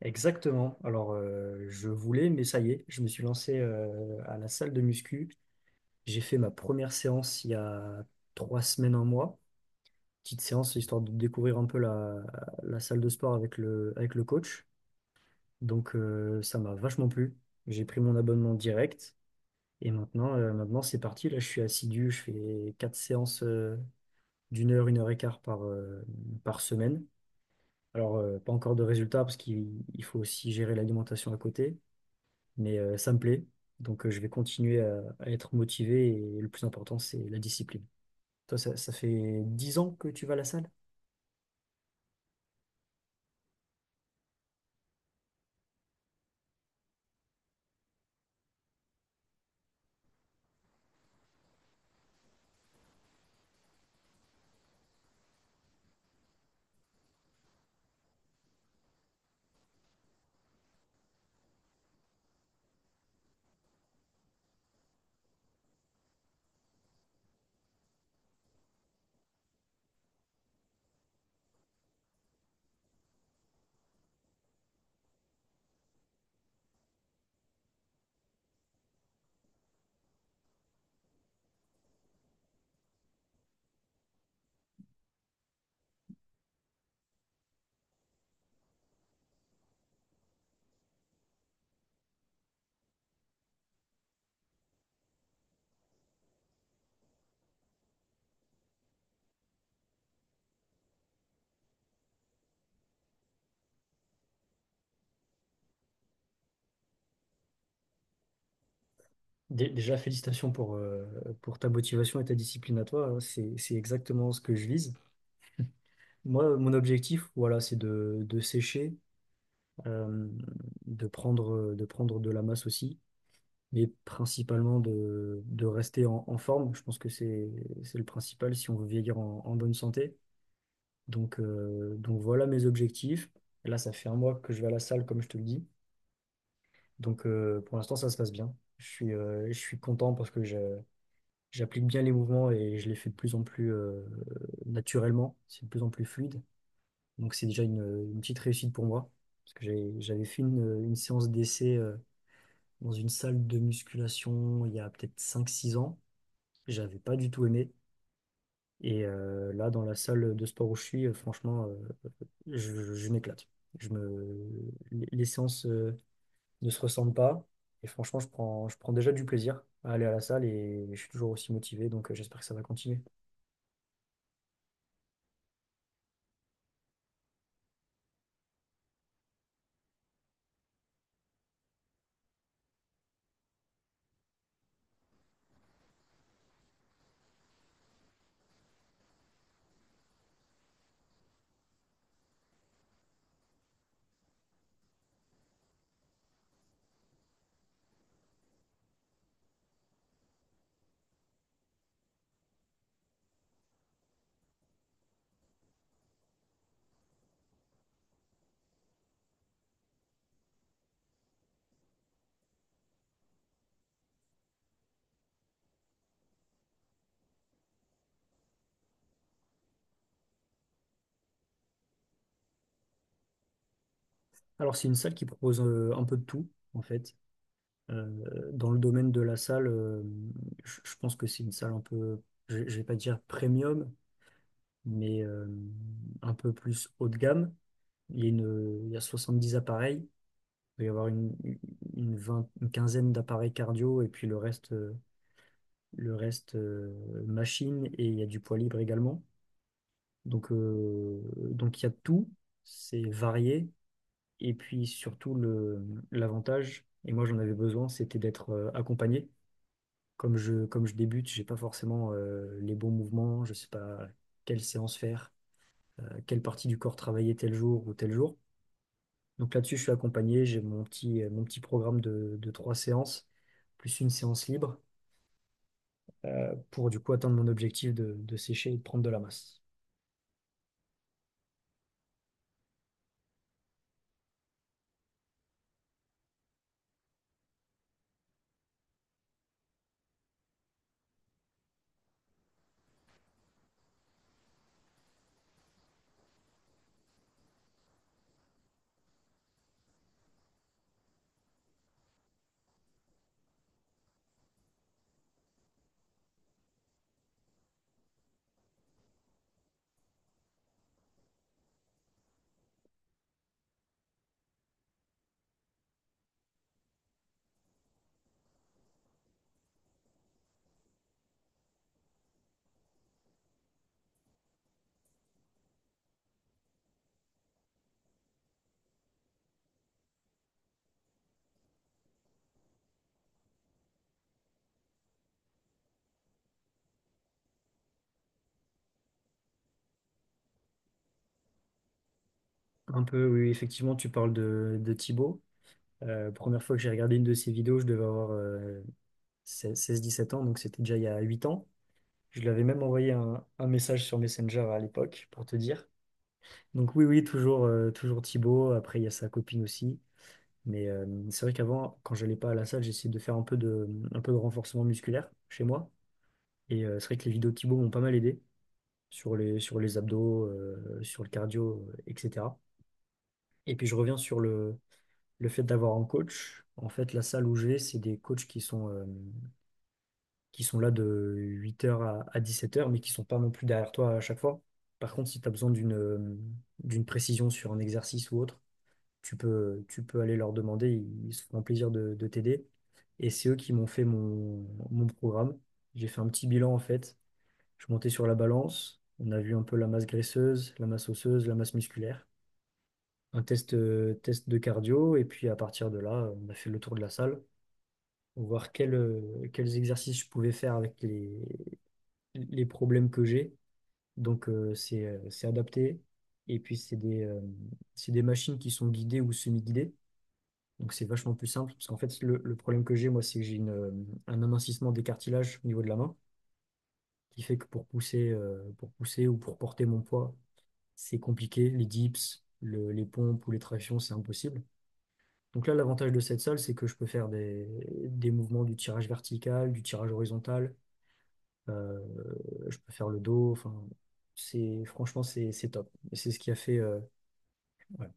Exactement. Je voulais, mais ça y est, je me suis lancé à la salle de muscu. J'ai fait ma première séance il y a trois semaines, un mois. Petite séance, histoire de découvrir un peu la salle de sport avec avec le coach. Ça m'a vachement plu. J'ai pris mon abonnement direct. Et maintenant, maintenant c'est parti. Là, je suis assidu. Je fais quatre séances d'une heure, une heure et quart par semaine. Pas encore de résultats parce qu'il il faut aussi gérer l'alimentation à côté. Mais ça me plaît. Donc, je vais continuer à être motivé et le plus important, c'est la discipline. Toi, ça fait 10 ans que tu vas à la salle? Déjà, félicitations pour ta motivation et ta discipline à toi, hein. C'est exactement ce que je vise. Moi, mon objectif, voilà, c'est de sécher, euh, de prendre, de prendre de la masse aussi, mais principalement de rester en forme. Je pense que c'est le principal si on veut vieillir en bonne santé. Donc voilà mes objectifs. Là, ça fait un mois que je vais à la salle, comme je te le dis. Donc, pour l'instant, ça se passe bien. Je suis content parce que j'applique bien les mouvements et je les fais de plus en plus naturellement. C'est de plus en plus fluide. Donc c'est déjà une petite réussite pour moi. Parce que j'avais fait une séance d'essai dans une salle de musculation il y a peut-être cinq six ans. J'avais pas du tout aimé. Et là, dans la salle de sport où je suis, franchement, je m'éclate. Je me… Les séances ne se ressemblent pas. Et franchement, je prends déjà du plaisir à aller à la salle et je suis toujours aussi motivé. Donc, j'espère que ça va continuer. Alors, c'est une salle qui propose un peu de tout, en fait. Dans le domaine de la salle, je pense que c'est une salle je ne vais pas dire premium, mais un peu plus haut de gamme. Il y a 70 appareils. Il doit y avoir une quinzaine d'appareils cardio et puis le reste, machine et il y a du poids libre également. Donc, euh, donc il y a tout, c'est varié. Et puis surtout, l'avantage, et moi j'en avais besoin, c'était d'être accompagné. Comme je débute, j'ai pas forcément les bons mouvements, je sais pas quelle séance faire, quelle partie du corps travailler tel jour ou tel jour. Donc là-dessus, je suis accompagné. J'ai mon petit programme de trois séances, plus une séance libre, pour du coup atteindre mon objectif de sécher et de prendre de la masse. Un peu, oui, effectivement, tu parles de Thibaut. Première fois que j'ai regardé une de ses vidéos, je devais avoir seize dix-sept ans, donc c'était déjà il y a 8 ans. Je lui avais même envoyé un message sur Messenger à l'époque, pour te dire. Donc oui, oui, toujours Thibaut. Après, il y a sa copine aussi. Mais c'est vrai qu'avant, quand j'allais pas à la salle, j'essayais de faire un peu de renforcement musculaire chez moi. Et c'est vrai que les vidéos de Thibaut m'ont pas mal aidé sur les abdos, sur le cardio, etc. Et puis je reviens sur le fait d'avoir un coach. En fait, la salle où je vais, c'est des coachs qui sont là de 8 heures à 17 heures mais qui sont pas non plus derrière toi à chaque fois. Par contre, si tu as besoin d'une précision sur un exercice ou autre, tu peux aller leur demander, ils se feront plaisir de t'aider. Et c'est eux qui m'ont fait mon programme. J'ai fait un petit bilan en fait. Je montais sur la balance, on a vu un peu la masse graisseuse, la masse osseuse, la masse musculaire, un test de cardio, et puis à partir de là, on a fait le tour de la salle pour voir quels exercices je pouvais faire avec les problèmes que j'ai. Donc c'est adapté. Et puis c'est c'est des machines qui sont guidées ou semi-guidées. Donc c'est vachement plus simple, parce qu'en fait, le problème que j'ai, moi, c'est que j'ai un amincissement des cartilages au niveau de la main, qui fait que pour pousser ou pour porter mon poids, c'est compliqué. Les dips, les pompes ou les tractions, c'est impossible. Donc là, l'avantage de cette salle, c'est que je peux faire des mouvements du tirage vertical, du tirage horizontal, euh, je peux faire le dos, enfin, franchement, c'est top. Et c'est ce qui a fait, ouais,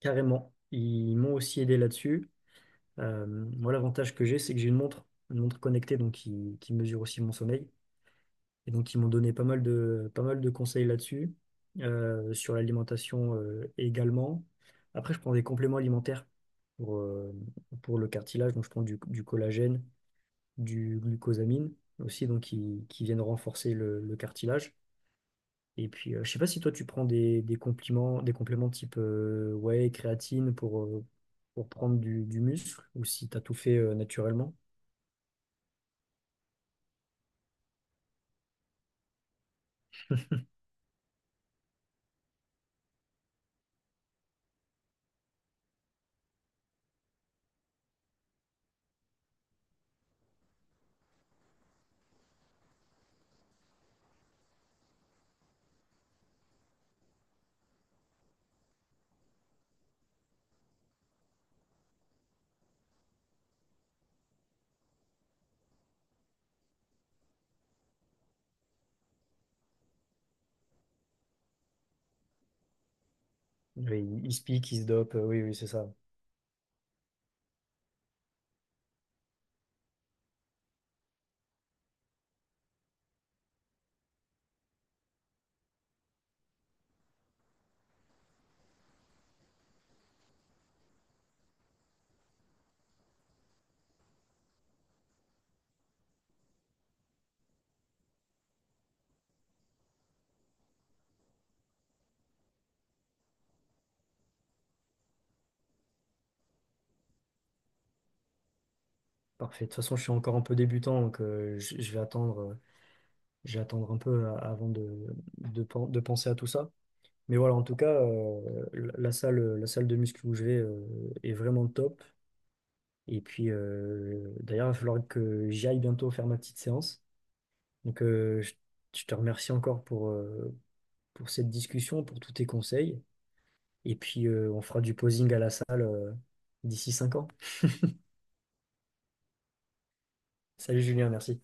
carrément. Ils m'ont aussi aidé là-dessus. Euh, Moi, l'avantage que j'ai, c'est que j'ai une montre connectée donc qui mesure aussi mon sommeil. Et donc, ils m'ont donné pas mal de conseils là-dessus, sur l'alimentation également. Après, je prends des compléments alimentaires pour, euh, pour le cartilage. Donc, je prends du collagène, du glucosamine aussi, donc qui viennent renforcer le cartilage. Et puis, je sais pas si toi, tu prends des compléments type whey, créatine pour prendre du muscle ou si tu as tout fait naturellement. Oui, il se pique, il se dope, oui, oui, c'est ça. Parfait. De toute façon, je suis encore un peu débutant, donc je vais attendre un peu avant de penser à tout ça. Mais voilà, en tout cas, la salle de muscu où je vais est vraiment top. Et puis, d'ailleurs, il va falloir que j'y aille bientôt faire ma petite séance. Donc, je te remercie encore pour cette discussion, pour tous tes conseils. Et puis, on fera du posing à la salle d'ici 5 ans. Salut Julien, merci.